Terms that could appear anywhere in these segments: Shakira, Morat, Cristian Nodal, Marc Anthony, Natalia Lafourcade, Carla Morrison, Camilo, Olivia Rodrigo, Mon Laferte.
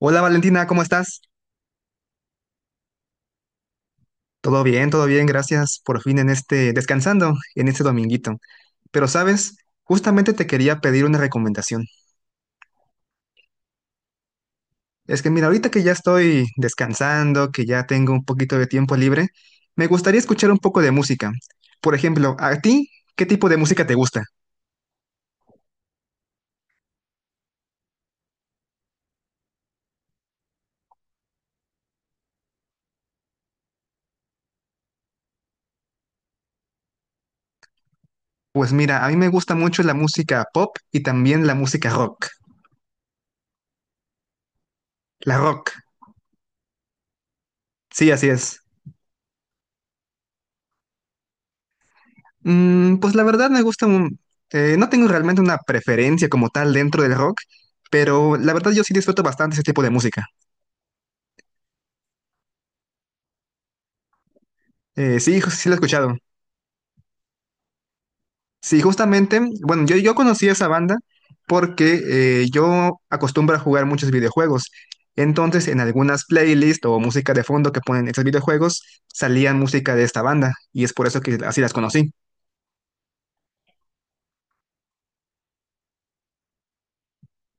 Hola Valentina, ¿cómo estás? Todo bien, gracias por fin en este, descansando en este dominguito. Pero sabes, justamente te quería pedir una recomendación. Es que mira, ahorita que ya estoy descansando, que ya tengo un poquito de tiempo libre, me gustaría escuchar un poco de música. Por ejemplo, ¿a ti qué tipo de música te gusta? Pues mira, a mí me gusta mucho la música pop y también la música rock. La rock, sí, así es. Pues la verdad me gusta no tengo realmente una preferencia como tal dentro del rock, pero la verdad yo sí disfruto bastante ese tipo de música. Sí, sí lo he escuchado. Sí, justamente, bueno, yo conocí esa banda porque yo acostumbro a jugar muchos videojuegos. Entonces, en algunas playlists o música de fondo que ponen estos videojuegos, salían música de esta banda y es por eso que así las conocí.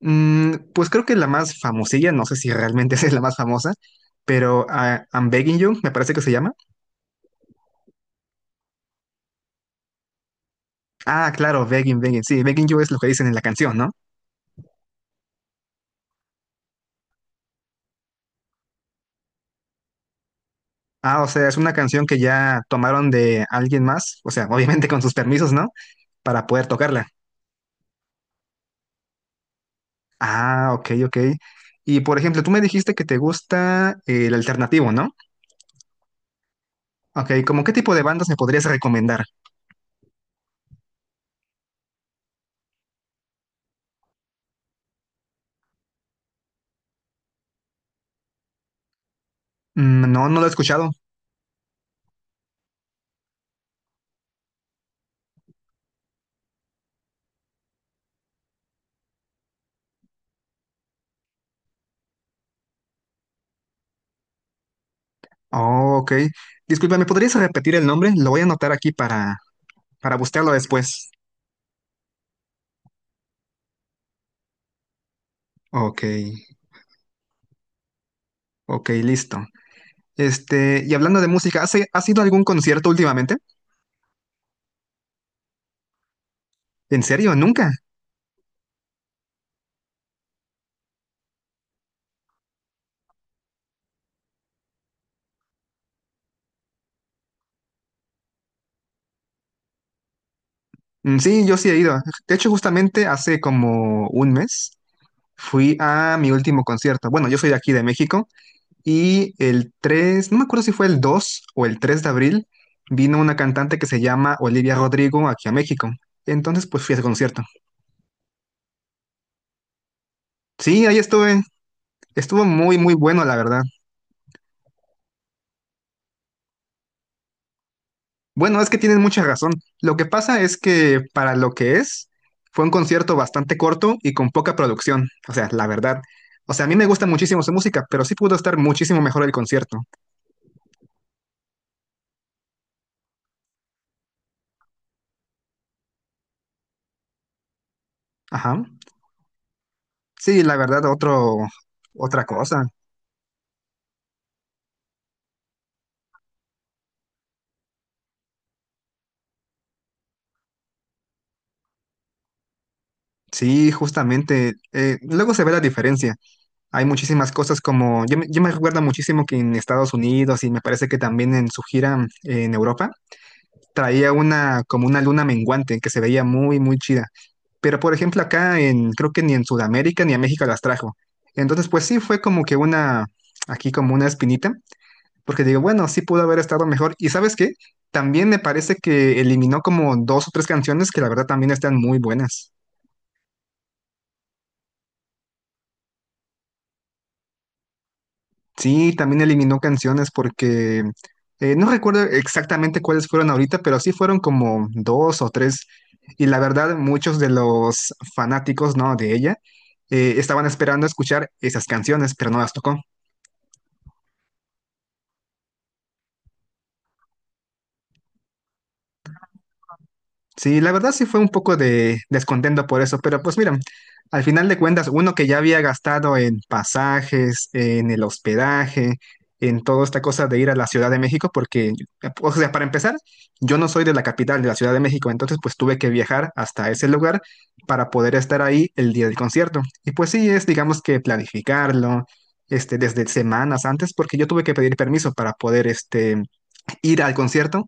Pues creo que la más famosilla, no sé si realmente esa es la más famosa, pero I'm Begging You, me parece que se llama. Ah, claro, begging, begging. Sí, begging you es lo que dicen en la canción, ¿no? Ah, o sea, es una canción que ya tomaron de alguien más, o sea, obviamente con sus permisos, ¿no? Para poder tocarla. Ah, ok, ok. Y por ejemplo, tú me dijiste que te gusta el alternativo, ¿no? Ok, ¿cómo qué tipo de bandas me podrías recomendar? No, no lo he escuchado. Oh, ok. Disculpa, ¿me podrías repetir el nombre? Lo voy a anotar aquí para buscarlo después. Ok, ok, listo. Este, y hablando de música, ¿has ido a algún concierto últimamente? ¿En serio? ¿Nunca? Mm, sí, yo sí he ido. De hecho, justamente hace como un mes fui a mi último concierto. Bueno, yo soy de aquí de México y el 3, no me acuerdo si fue el 2 o el 3 de abril, vino una cantante que se llama Olivia Rodrigo aquí a México. Entonces, pues fui a ese concierto. Sí, ahí estuve. Estuvo muy, muy bueno, la verdad. Bueno, es que tienes mucha razón. Lo que pasa es que para lo que es, fue un concierto bastante corto y con poca producción. O sea, la verdad. O sea, a mí me gusta muchísimo su música, pero sí pudo estar muchísimo mejor el concierto. Ajá. Sí, la verdad, otro, otra cosa. Sí, justamente. Luego se ve la diferencia. Hay muchísimas cosas como, yo me recuerdo muchísimo que en Estados Unidos y me parece que también en su gira en Europa, traía una, como una luna menguante que se veía muy, muy chida. Pero por ejemplo acá creo que ni en Sudamérica ni en México las trajo. Entonces pues sí fue como que aquí como una espinita, porque digo, bueno, sí pudo haber estado mejor. ¿Y sabes qué? También me parece que eliminó como dos o tres canciones que la verdad también están muy buenas. Sí, también eliminó canciones porque no recuerdo exactamente cuáles fueron ahorita, pero sí fueron como dos o tres. Y la verdad, muchos de los fanáticos, ¿no? De ella estaban esperando escuchar esas canciones, pero no las tocó. Sí, la verdad sí fue un poco de descontento por eso, pero pues mira, al final de cuentas, uno que ya había gastado en pasajes, en el hospedaje, en toda esta cosa de ir a la Ciudad de México, porque, o sea, para empezar, yo no soy de la capital de la Ciudad de México, entonces pues tuve que viajar hasta ese lugar para poder estar ahí el día del concierto. Y pues sí, es, digamos que planificarlo, este, desde semanas antes, porque yo tuve que pedir permiso para poder, este, ir al concierto,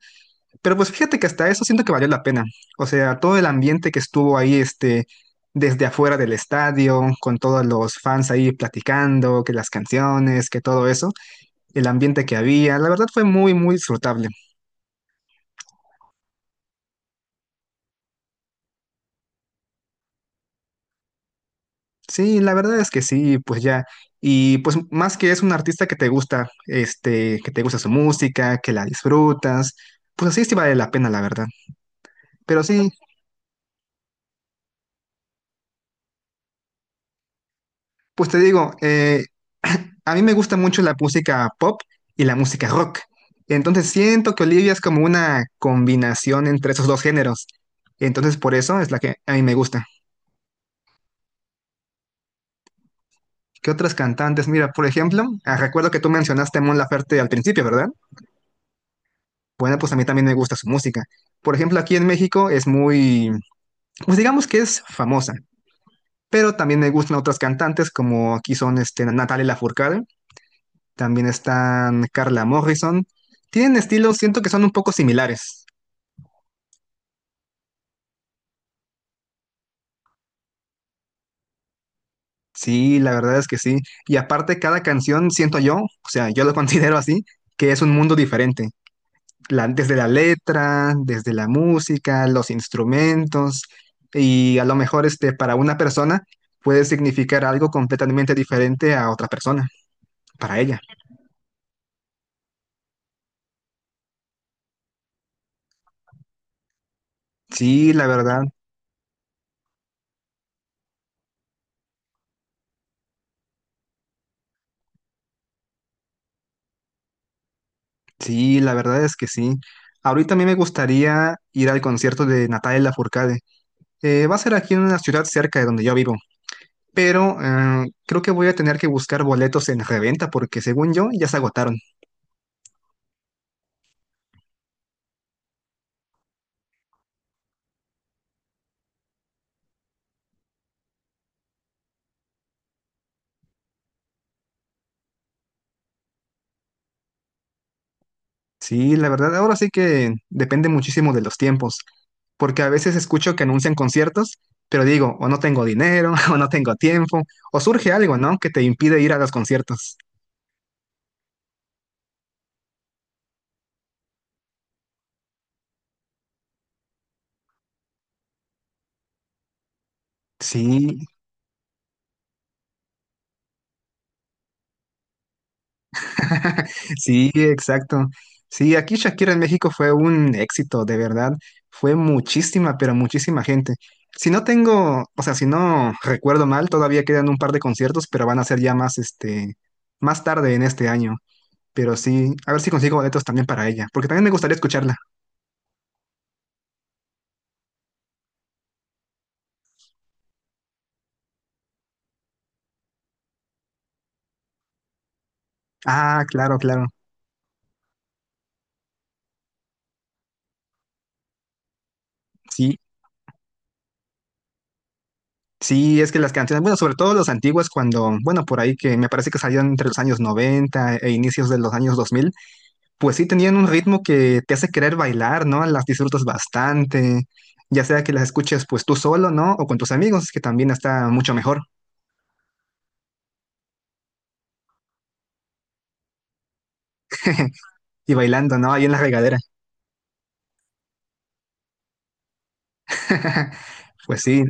pero pues fíjate que hasta eso siento que valió la pena. O sea, todo el ambiente que estuvo ahí, este, desde afuera del estadio, con todos los fans ahí platicando, que las canciones, que todo eso, el ambiente que había, la verdad fue muy, muy disfrutable. Sí, la verdad es que sí, pues ya. Y pues más que es un artista que te gusta, este, que te gusta su música, que la disfrutas, pues así sí vale la pena, la verdad. Pero sí, pues te digo, a mí me gusta mucho la música pop y la música rock. Entonces siento que Olivia es como una combinación entre esos dos géneros. Entonces por eso es la que a mí me gusta. ¿Qué otras cantantes? Mira, por ejemplo, recuerdo que tú mencionaste a Mon Laferte al principio, ¿verdad? Bueno, pues a mí también me gusta su música. Por ejemplo, aquí en México es muy, pues digamos que es famosa, pero también me gustan otras cantantes como aquí son este, Natalia Lafourcade, también están Carla Morrison. Tienen estilos, siento que son un poco similares. Sí, la verdad es que sí. Y aparte, cada canción, siento yo, o sea, yo lo considero así, que es un mundo diferente. Desde la letra, desde la música, los instrumentos, y a lo mejor este, para una persona puede significar algo completamente diferente a otra persona, para ella. Sí, la verdad, sí, la verdad es que sí. Ahorita a mí me gustaría ir al concierto de Natalia Lafourcade. Va a ser aquí en una ciudad cerca de donde yo vivo, pero creo que voy a tener que buscar boletos en reventa porque según yo ya se agotaron. Sí, la verdad, ahora sí que depende muchísimo de los tiempos, porque a veces escucho que anuncian conciertos, pero digo, o no tengo dinero, o no tengo tiempo, o surge algo, ¿no? Que te impide ir a los conciertos. Sí, sí, exacto. Sí, aquí Shakira en México fue un éxito, de verdad. Fue muchísima, pero muchísima gente. Si no tengo, o sea, si no recuerdo mal, todavía quedan un par de conciertos, pero van a ser ya más, este, más tarde en este año. Pero sí, a ver si consigo boletos también para ella, porque también me gustaría escucharla. Ah, claro, claro. Sí, sí, es que las canciones, bueno, sobre todo las antiguas, cuando, bueno, por ahí que me parece que salieron entre los años 90 e inicios de los años 2000. Pues sí tenían un ritmo que te hace querer bailar, ¿no? Las disfrutas bastante, ya sea que las escuches pues tú solo, ¿no? O con tus amigos, que también está mucho mejor. Y bailando, ¿no? Ahí en la regadera. Pues sí,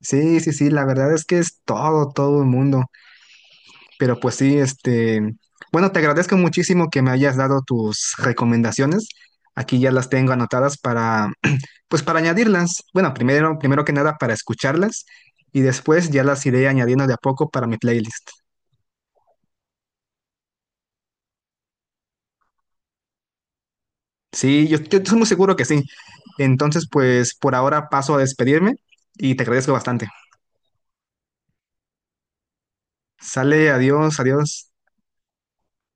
sí, sí, sí, la verdad es que es todo, todo el mundo. Pero pues sí, este, bueno, te agradezco muchísimo que me hayas dado tus recomendaciones. Aquí ya las tengo anotadas para, pues para añadirlas. Bueno, primero que nada para escucharlas y después ya las iré añadiendo de a poco para mi playlist. Sí, yo estoy muy seguro que sí. Entonces, pues por ahora paso a despedirme y te agradezco bastante. Sale, adiós, adiós.